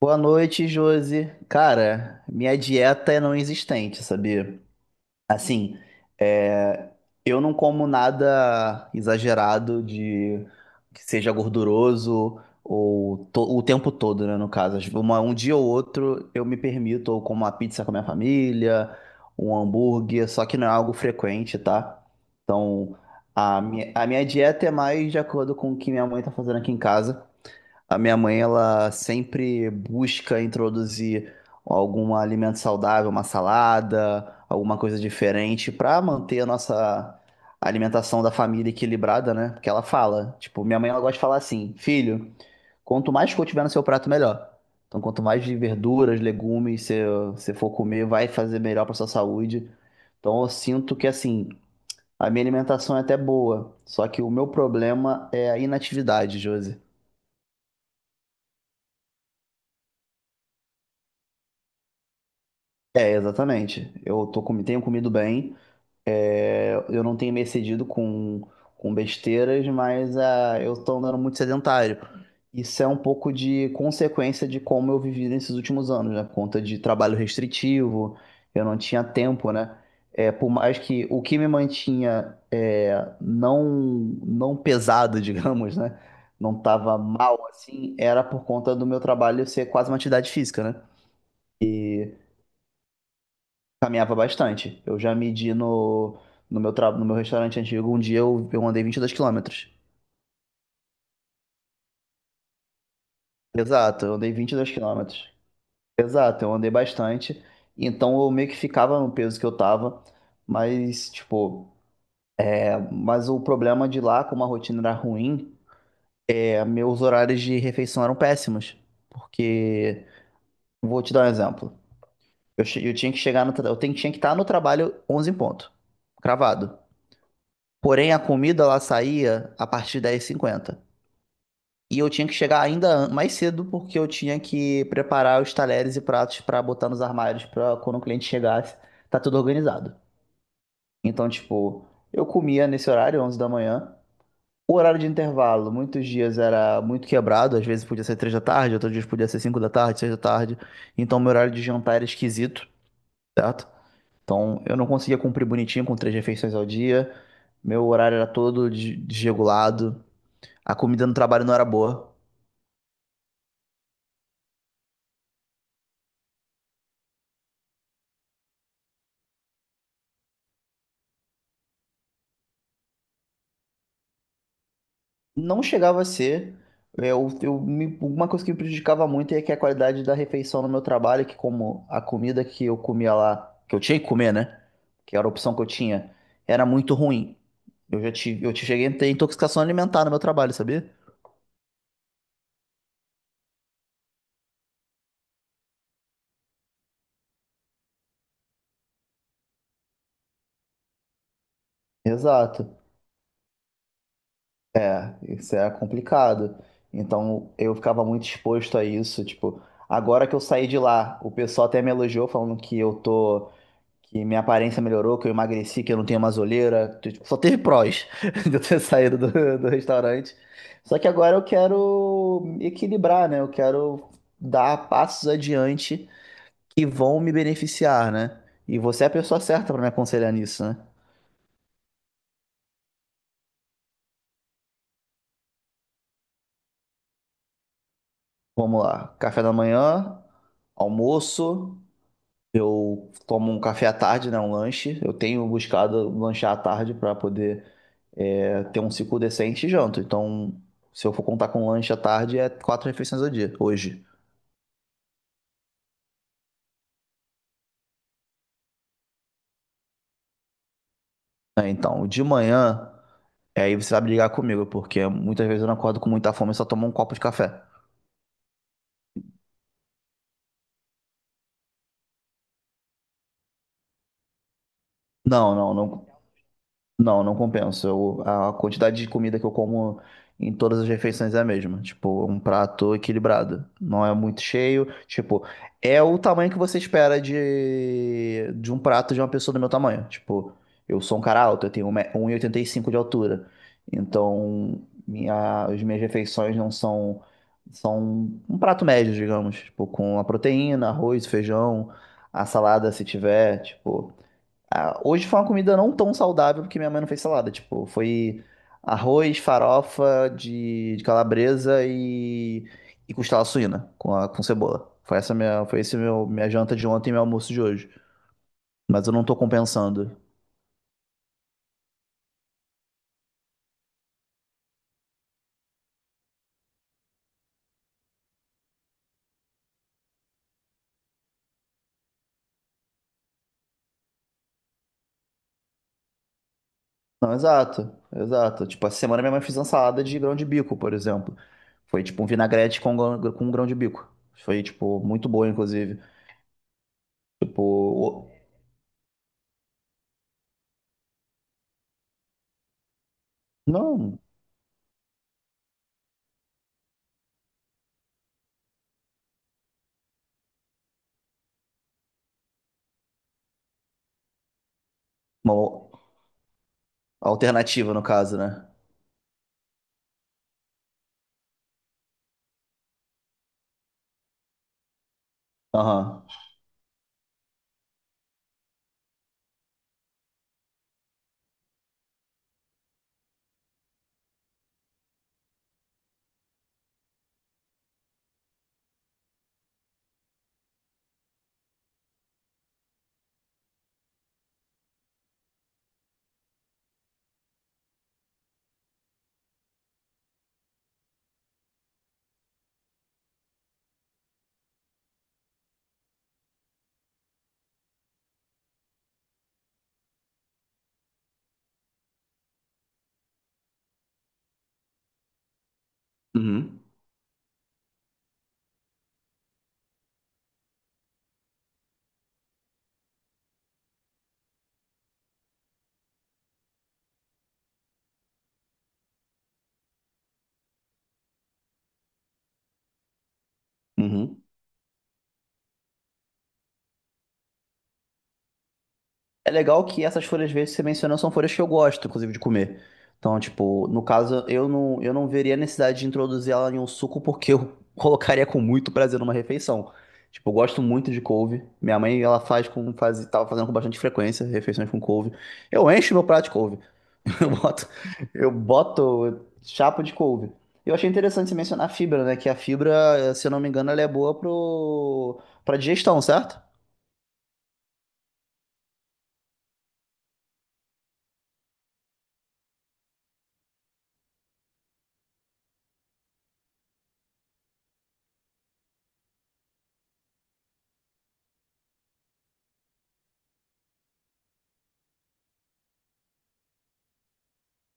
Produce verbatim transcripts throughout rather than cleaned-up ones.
Boa noite, Josi. Cara, minha dieta é não existente, sabia? Assim, é, eu não como nada exagerado de que seja gorduroso ou to- o tempo todo, né? No caso, Às- uma- um dia ou outro eu me permito ou como uma pizza com a minha família, um hambúrguer, só que não é algo frequente, tá? Então, a minha, a minha dieta é mais de acordo com o que minha mãe tá fazendo aqui em casa. A minha mãe, ela sempre busca introduzir algum alimento saudável, uma salada, alguma coisa diferente para manter a nossa alimentação da família equilibrada, né? Porque ela fala, tipo, minha mãe ela gosta de falar assim, filho, quanto mais cor tiver no seu prato, melhor. Então, quanto mais de verduras, legumes você você for comer, vai fazer melhor para sua saúde. Então, eu sinto que assim, a minha alimentação é até boa, só que o meu problema é a inatividade, Josi. É, exatamente. Eu tô, comi- tenho comido bem, é, eu não tenho me excedido com, com besteiras, mas ah, eu tô andando muito sedentário. Isso é um pouco de consequência de como eu vivi nesses últimos anos, né? Por conta de trabalho restritivo, eu não tinha tempo, né? É, por mais que o que me mantinha é, não, não pesado, digamos, né? Não tava mal assim, era por conta do meu trabalho ser quase uma atividade física, né? Caminhava bastante. Eu já medi no, no meu tra... no meu restaurante antigo, um dia eu, eu andei vinte e dois quilômetros. Exato, eu andei vinte e dois quilômetros. Exato, eu andei bastante. Então eu meio que ficava no peso que eu tava. Mas, tipo, é, mas o problema de lá, como a rotina era ruim, é, meus horários de refeição eram péssimos. Porque, vou te dar um exemplo. Eu, che- eu tinha que chegar no, tra- eu tenho- tinha que estar no trabalho onze em ponto, cravado. Porém, a comida ela saía a partir de dez e cinquenta. E eu tinha que chegar ainda an- mais cedo porque eu tinha que preparar os talheres e pratos pra botar nos armários pra quando o cliente chegasse, tá tudo organizado. Então, tipo, eu comia nesse horário, onze da manhã. O horário de intervalo, muitos dias era muito quebrado, às vezes podia ser três da tarde, outros dias podia ser cinco da tarde, seis da tarde. Então, meu horário de jantar era esquisito, certo? Então, eu não conseguia cumprir bonitinho com três refeições ao dia. Meu horário era todo de- desregulado. A comida no trabalho não era boa. Não chegava a ser. É, Eu, eu, me- uma coisa que me prejudicava muito é que a qualidade da refeição no meu trabalho, que como a comida que eu comia lá, que eu tinha que comer, né? Que era a opção que eu tinha, era muito ruim. Eu já tive, eu cheguei a ter intoxicação alimentar no meu trabalho, sabia? Exato. É, isso é complicado. Então eu ficava muito exposto a isso. Tipo, agora que eu saí de lá, o pessoal até me elogiou falando que eu tô. Que minha aparência melhorou, que eu emagreci, que eu não tenho mais olheira. Tipo, Só teve prós de eu ter saído do, do restaurante. Só que agora eu quero equilibrar, né? Eu quero dar passos adiante que vão me beneficiar, né? E você é a pessoa certa para me aconselhar nisso, né? Vamos lá. Café da manhã, almoço. Eu tomo um café à tarde, né? Um lanche. Eu tenho buscado lanchar à tarde para poder é, ter um ciclo decente e janto. Então, se eu for contar com lanche à tarde, é quatro refeições ao dia, hoje. Né? então, de manhã, é, aí você vai brigar comigo, porque muitas vezes eu não acordo com muita fome e só tomo um copo de café. Não, não, não, Não, não compensa. Eu- a quantidade de comida que eu como em todas as refeições é a mesma. Tipo, um prato equilibrado. Não é muito cheio. Tipo, é o tamanho que você espera de, de um prato de uma pessoa do meu tamanho. Tipo, eu sou um cara alto, eu tenho um me- um e e oitenta e cinco de altura. Então, minha, as minhas refeições não são. São um prato médio, digamos. Tipo, com a proteína, arroz, feijão, a salada, se tiver. Tipo. Ah, hoje foi uma comida não tão saudável porque minha mãe não fez salada. Tipo, foi arroz, farofa de, de calabresa e, e costela suína com, a- com cebola. Foi essa minha, foi esse meu minha janta de ontem e meu almoço de hoje. Mas eu não tô compensando. Não, exato, exato. Tipo, essa semana minha mãe fez uma salada de grão de bico, por exemplo. Foi tipo um vinagrete com, grão- com grão de bico. Foi, tipo, muito boa, inclusive. Tipo, o- não, uma alternativa no caso, né? Aham. Uhum. Uhum. É legal que essas folhas verdes que você mencionou são folhas que eu gosto, inclusive, de comer. Então, tipo, no caso, eu não, eu não veria a necessidade de introduzir ela em um suco porque eu colocaria com muito prazer numa refeição. Tipo, eu gosto muito de couve. Minha mãe, ela faz com, faz, tava fazendo com bastante frequência, refeições com couve. Eu encho meu prato de couve. Eu boto, eu boto chapa de couve. Eu achei interessante você mencionar a fibra, né? Que a fibra, se eu não me engano, ela é boa pro, pra digestão, certo?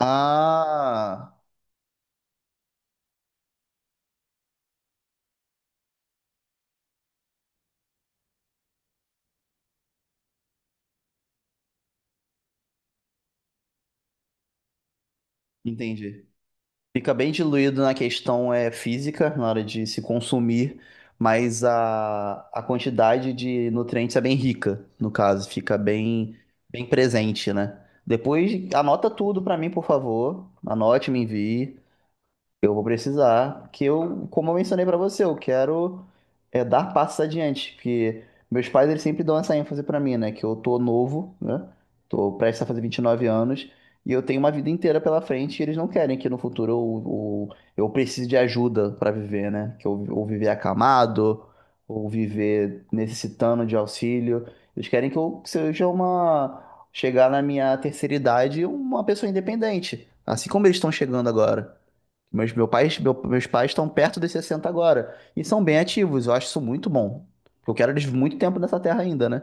Ah, Entendi. Fica bem diluído na questão é, física, na hora de se consumir, mas a, a quantidade de nutrientes é bem rica, no caso, fica bem, bem presente, né? Depois anota tudo pra mim, por favor. Anote, me envie. Eu vou precisar, que eu, como eu mencionei pra você, eu quero é, dar passos adiante, que meus pais eles sempre dão essa ênfase pra mim, né? Que eu tô novo, né? Tô prestes a fazer vinte e nove anos e eu tenho uma vida inteira pela frente e eles não querem que no futuro eu, eu, eu precise de ajuda pra viver, né? Que eu, ou viver acamado, ou viver necessitando de auxílio. Eles querem que eu seja uma... chegar na minha terceira idade uma pessoa independente, assim como eles estão chegando agora. Mas meu pai, meu- meus pais estão perto dos sessenta agora e são bem ativos. Eu acho isso muito bom. Eu quero eles muito tempo nessa terra ainda, né?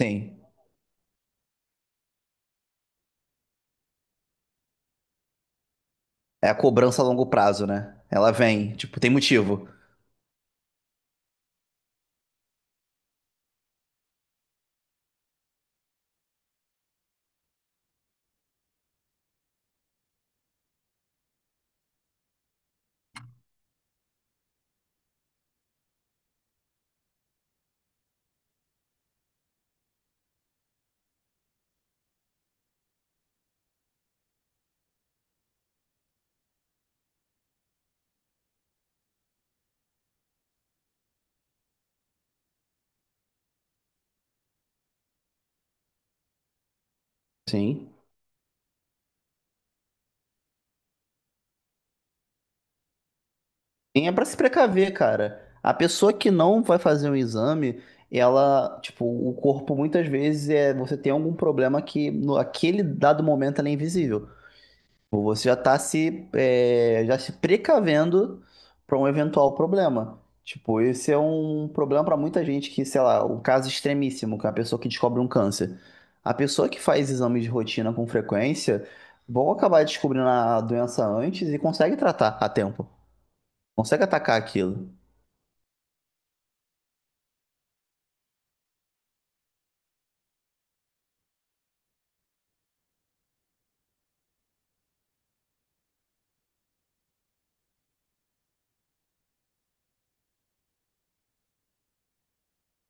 Sim. É a cobrança a longo prazo, né? Ela vem, tipo, tem motivo. Sim. E é pra se precaver, cara. A pessoa que não vai fazer um exame, ela, tipo, o corpo muitas vezes é você tem algum problema que no aquele dado momento ela é invisível. Ou Você já está se, é, já se precavendo para um eventual problema. Tipo, esse é um problema para muita gente que, sei lá, um caso extremíssimo, que é a pessoa que descobre um câncer. A pessoa que faz exames de rotina com frequência vão acabar descobrindo a doença antes e consegue tratar a tempo. Consegue atacar aquilo.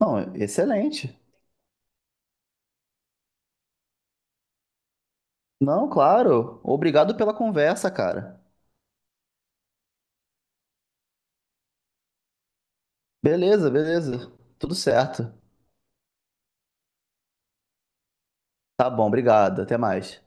Não, excelente. Não, claro. Obrigado pela conversa, cara. Beleza, beleza. Tudo certo. Tá bom, obrigado. Até mais.